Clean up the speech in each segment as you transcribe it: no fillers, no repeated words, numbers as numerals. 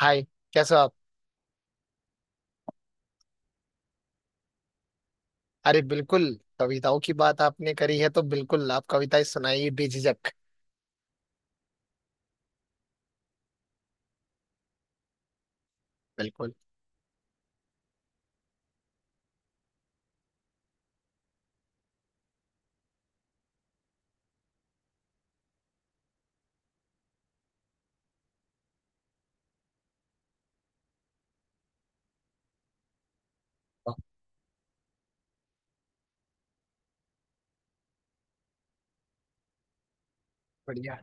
हाय। कैसे हो आप। अरे बिल्कुल। कविताओं की बात आपने करी है तो बिल्कुल आप कविताएं सुनाइए बेझिझक। बिल्कुल। वाह। बढ़िया।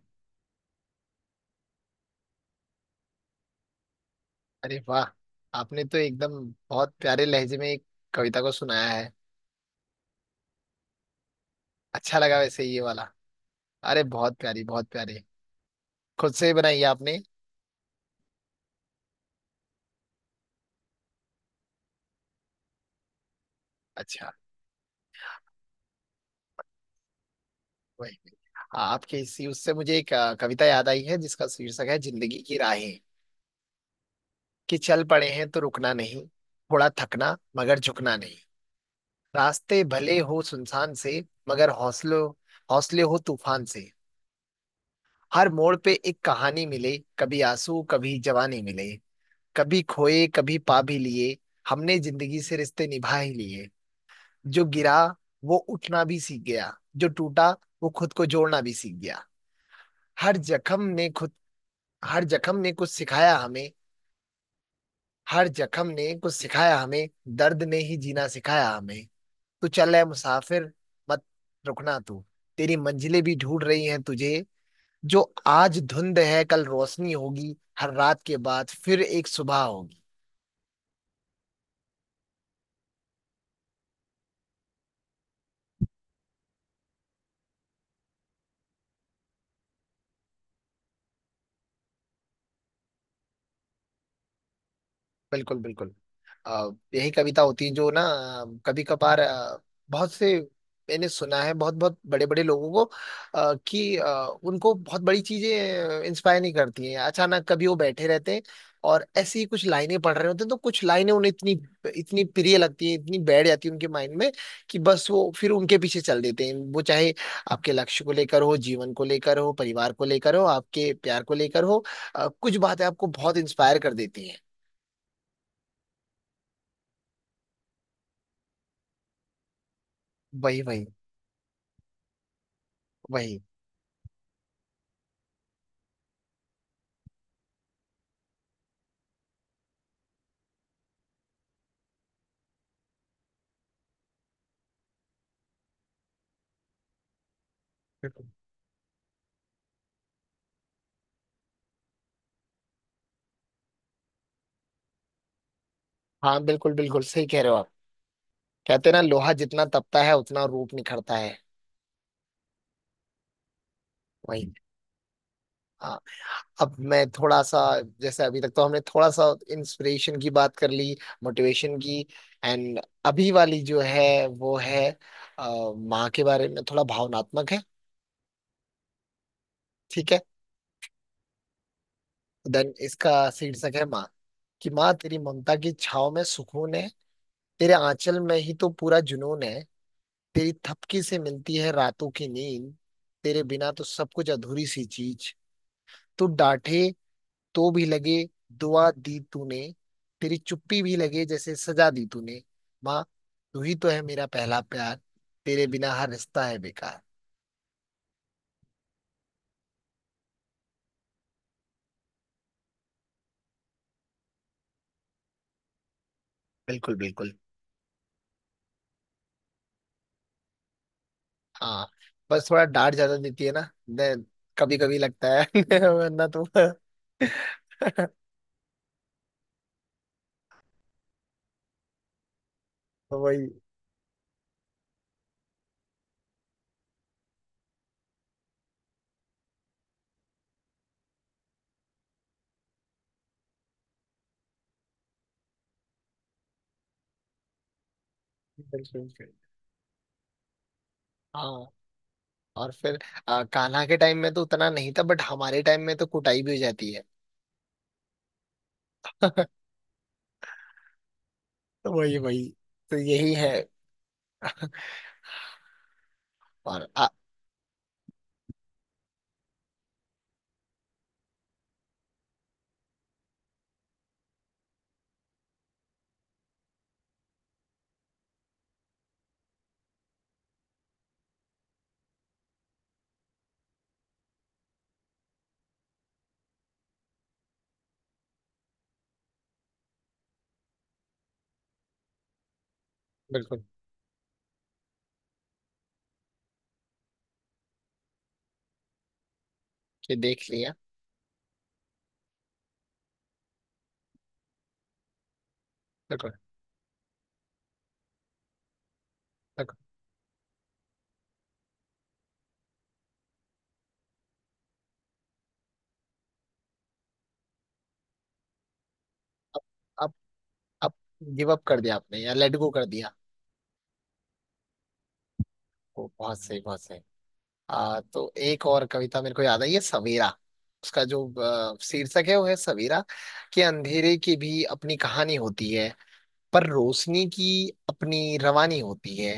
अरे वाह। आपने तो एकदम बहुत प्यारे लहजे में एक कविता को सुनाया है। अच्छा लगा वैसे ये वाला। अरे बहुत प्यारी बहुत प्यारी। खुद से बनाई है आपने। अच्छा। वही। हाँ, आपके इसी उससे मुझे एक कविता याद आई है जिसका शीर्षक है जिंदगी की राहें। कि चल पड़े हैं तो रुकना नहीं। थोड़ा थकना मगर झुकना नहीं। रास्ते भले हो सुनसान से। मगर हौसलों हौसले हो तूफान से। हर मोड़ पे एक कहानी मिले, कभी आंसू कभी जवानी मिले। कभी खोए कभी पा भी लिए। हमने जिंदगी से रिश्ते निभा ही लिए। जो गिरा वो उठना भी सीख गया, जो टूटा वो खुद को जोड़ना भी सीख गया। हर जख्म ने खुद हर जख्म ने कुछ सिखाया हमें। हर जख्म ने कुछ सिखाया हमें। दर्द ने ही जीना सिखाया हमें। तू चल है मुसाफिर, मत रुकना तू। तेरी मंजिलें भी ढूंढ रही हैं तुझे। जो आज धुंध है कल रोशनी होगी, हर रात के बाद फिर एक सुबह होगी। बिल्कुल बिल्कुल। अ, यही कविता होती है जो ना कभी कभार बहुत से। मैंने सुना है बहुत बहुत बड़े बड़े लोगों को, कि उनको बहुत बड़ी चीजें इंस्पायर नहीं करती हैं। अचानक कभी वो बैठे रहते हैं और ऐसी ही कुछ लाइनें पढ़ रहे होते हैं तो कुछ लाइनें उन्हें इतनी इतनी प्रिय लगती है, इतनी बैठ जाती है उनके माइंड में कि बस वो फिर उनके पीछे चल देते हैं। वो चाहे आपके लक्ष्य को लेकर हो, जीवन को लेकर हो, परिवार को लेकर हो, आपके प्यार को लेकर हो। कुछ बातें आपको बहुत इंस्पायर कर देती हैं। वही वही वही। हाँ बिल्कुल बिल्कुल सही कह रहे हो आप। कहते हैं ना, लोहा जितना तपता है उतना रूप निखरता है। वही। हाँ। अब मैं थोड़ा सा, जैसे अभी तक तो हमने थोड़ा सा इंस्पिरेशन की बात कर ली, मोटिवेशन की। एंड अभी वाली जो है वो है माँ के बारे में, थोड़ा भावनात्मक है। ठीक है। देन इसका शीर्षक है माँ। कि माँ तेरी ममता की छाव में सुकून है। तेरे आंचल में ही तो पूरा जुनून है। तेरी थपकी से मिलती है रातों की नींद। तेरे बिना तो सब कुछ अधूरी सी चीज। तू डांटे तो भी लगे दुआ दी तूने। तेरी चुप्पी भी लगे जैसे सजा दी तूने। माँ, तू ही तो है मेरा पहला प्यार। तेरे बिना हर रिश्ता है बेकार। बिल्कुल बिल्कुल। हाँ, बस थोड़ा डांट ज्यादा देती है ना, कभी कभी लगता है वरना तो वही। बिल्कुल बिल्कुल। हाँ। और फिर कान्हा के टाइम में तो उतना नहीं था, बट हमारे टाइम में तो कुटाई भी हो जाती है। तो वही वही। तो यही है। और बिल्कुल। ये देख लिया। बिल्कुल बिल्कुल। अब अब अब गिव अप कर दिया आपने या लेट गो कर दिया। ओ, बहुत सही बहुत सही। तो एक और कविता मेरे को याद आई है, सवेरा। उसका जो शीर्षक है वो है सवेरा। कि अंधेरे की भी अपनी कहानी होती है, पर रोशनी की अपनी रवानी होती है।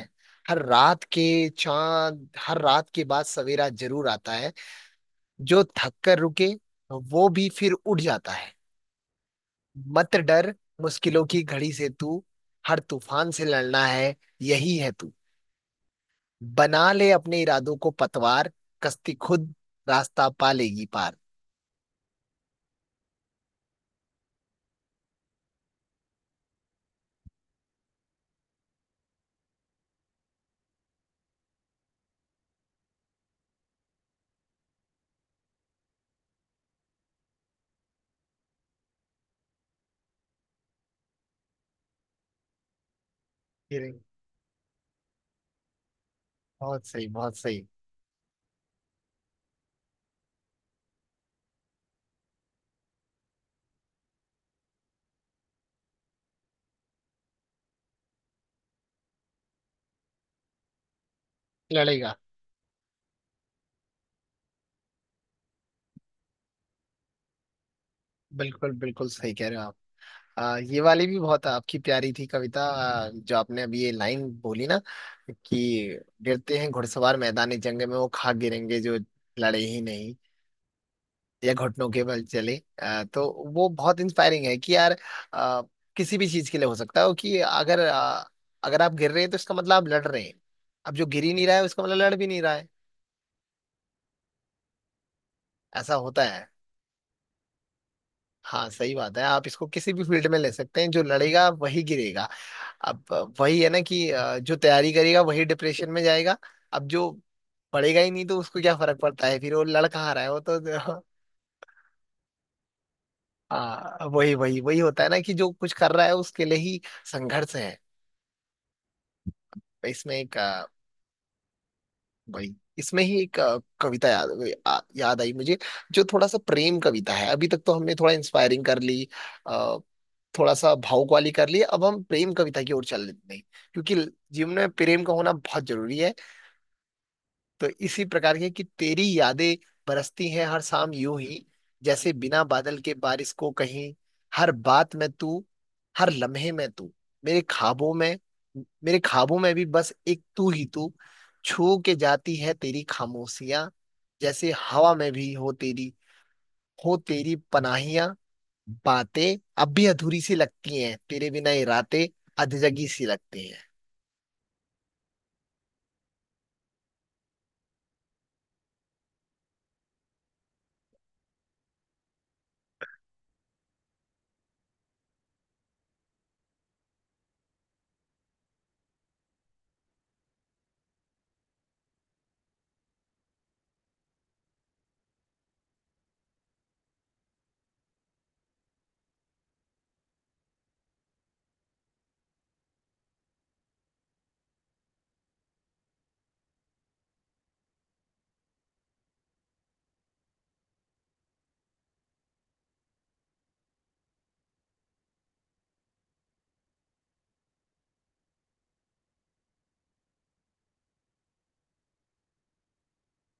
हर रात के हर रात के बाद सवेरा जरूर आता है। जो थक कर रुके वो भी फिर उठ जाता है। मत डर मुश्किलों की घड़ी से तू, हर तूफान से लड़ना है, यही है तू। बना ले अपने इरादों को पतवार, कश्ती खुद रास्ता पा लेगी पार। फिर- बहुत सही बहुत सही। लड़ेगा। बिल्कुल बिल्कुल सही कह रहे हो आप। ये वाली भी बहुत आपकी प्यारी थी कविता, जो आपने अभी ये लाइन बोली ना, कि गिरते हैं घुड़सवार मैदानी जंग में, वो खाक गिरेंगे जो लड़े ही नहीं या घुटनों के बल चले। तो वो बहुत इंस्पायरिंग है कि यार, आ, किसी भी चीज के लिए हो सकता है कि अगर अगर आप गिर रहे हैं तो इसका मतलब आप लड़ रहे हैं। अब जो गिर ही नहीं रहा है उसका मतलब लड़ भी नहीं रहा है, ऐसा होता है। हाँ सही बात है, आप इसको किसी भी फील्ड में ले सकते हैं। जो लड़ेगा वही गिरेगा। अब वही है ना कि जो तैयारी करेगा वही डिप्रेशन में जाएगा। अब जो पढ़ेगा ही नहीं तो उसको क्या फर्क पड़ता है, फिर वो लड़का आ रहा है वो तो हाँ, वही वही वही होता है ना, कि जो कुछ कर रहा है उसके लिए ही संघर्ष है। तो इसमें एक वही इसमें ही एक कविता याद याद आई मुझे। जो थोड़ा सा प्रेम कविता है। अभी तक तो हमने थोड़ा इंस्पायरिंग कर ली, अ, थोड़ा सा भावुक वाली कर ली, अब हम प्रेम कविता की ओर चल रहे हैं क्योंकि जीवन में प्रेम का होना बहुत जरूरी है। तो इसी प्रकार के कि तेरी यादें बरसती हैं हर शाम यूं ही, जैसे बिना बादल के बारिश को कहीं। हर बात में तू, हर लम्हे में तू, मेरे ख्वाबों में, मेरे ख्वाबों में भी बस एक तू ही तू। छू के जाती है तेरी खामोशियां, जैसे हवा में भी हो तेरी, हो तेरी पनाहियां। बातें अब भी अधूरी सी लगती हैं, तेरे बिना ये रातें अधजगी सी लगती हैं।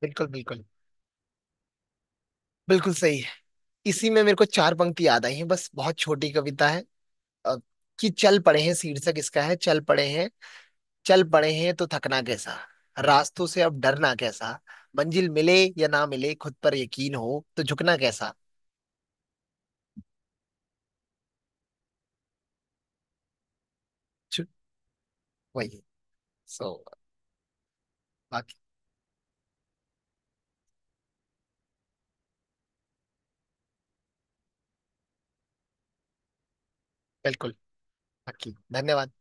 बिल्कुल बिल्कुल बिल्कुल सही। इसी में मेरे को चार पंक्ति याद आई हैं, बस बहुत छोटी कविता है। अ, कि चल पड़े हैं, शीर्षक इसका है चल पड़े हैं। चल पड़े हैं तो थकना कैसा, रास्तों से अब डरना कैसा। मंजिल मिले या ना मिले, खुद पर यकीन हो तो झुकना कैसा। छु- वही। सो बाकी बिल्कुल। बाकी धन्यवाद।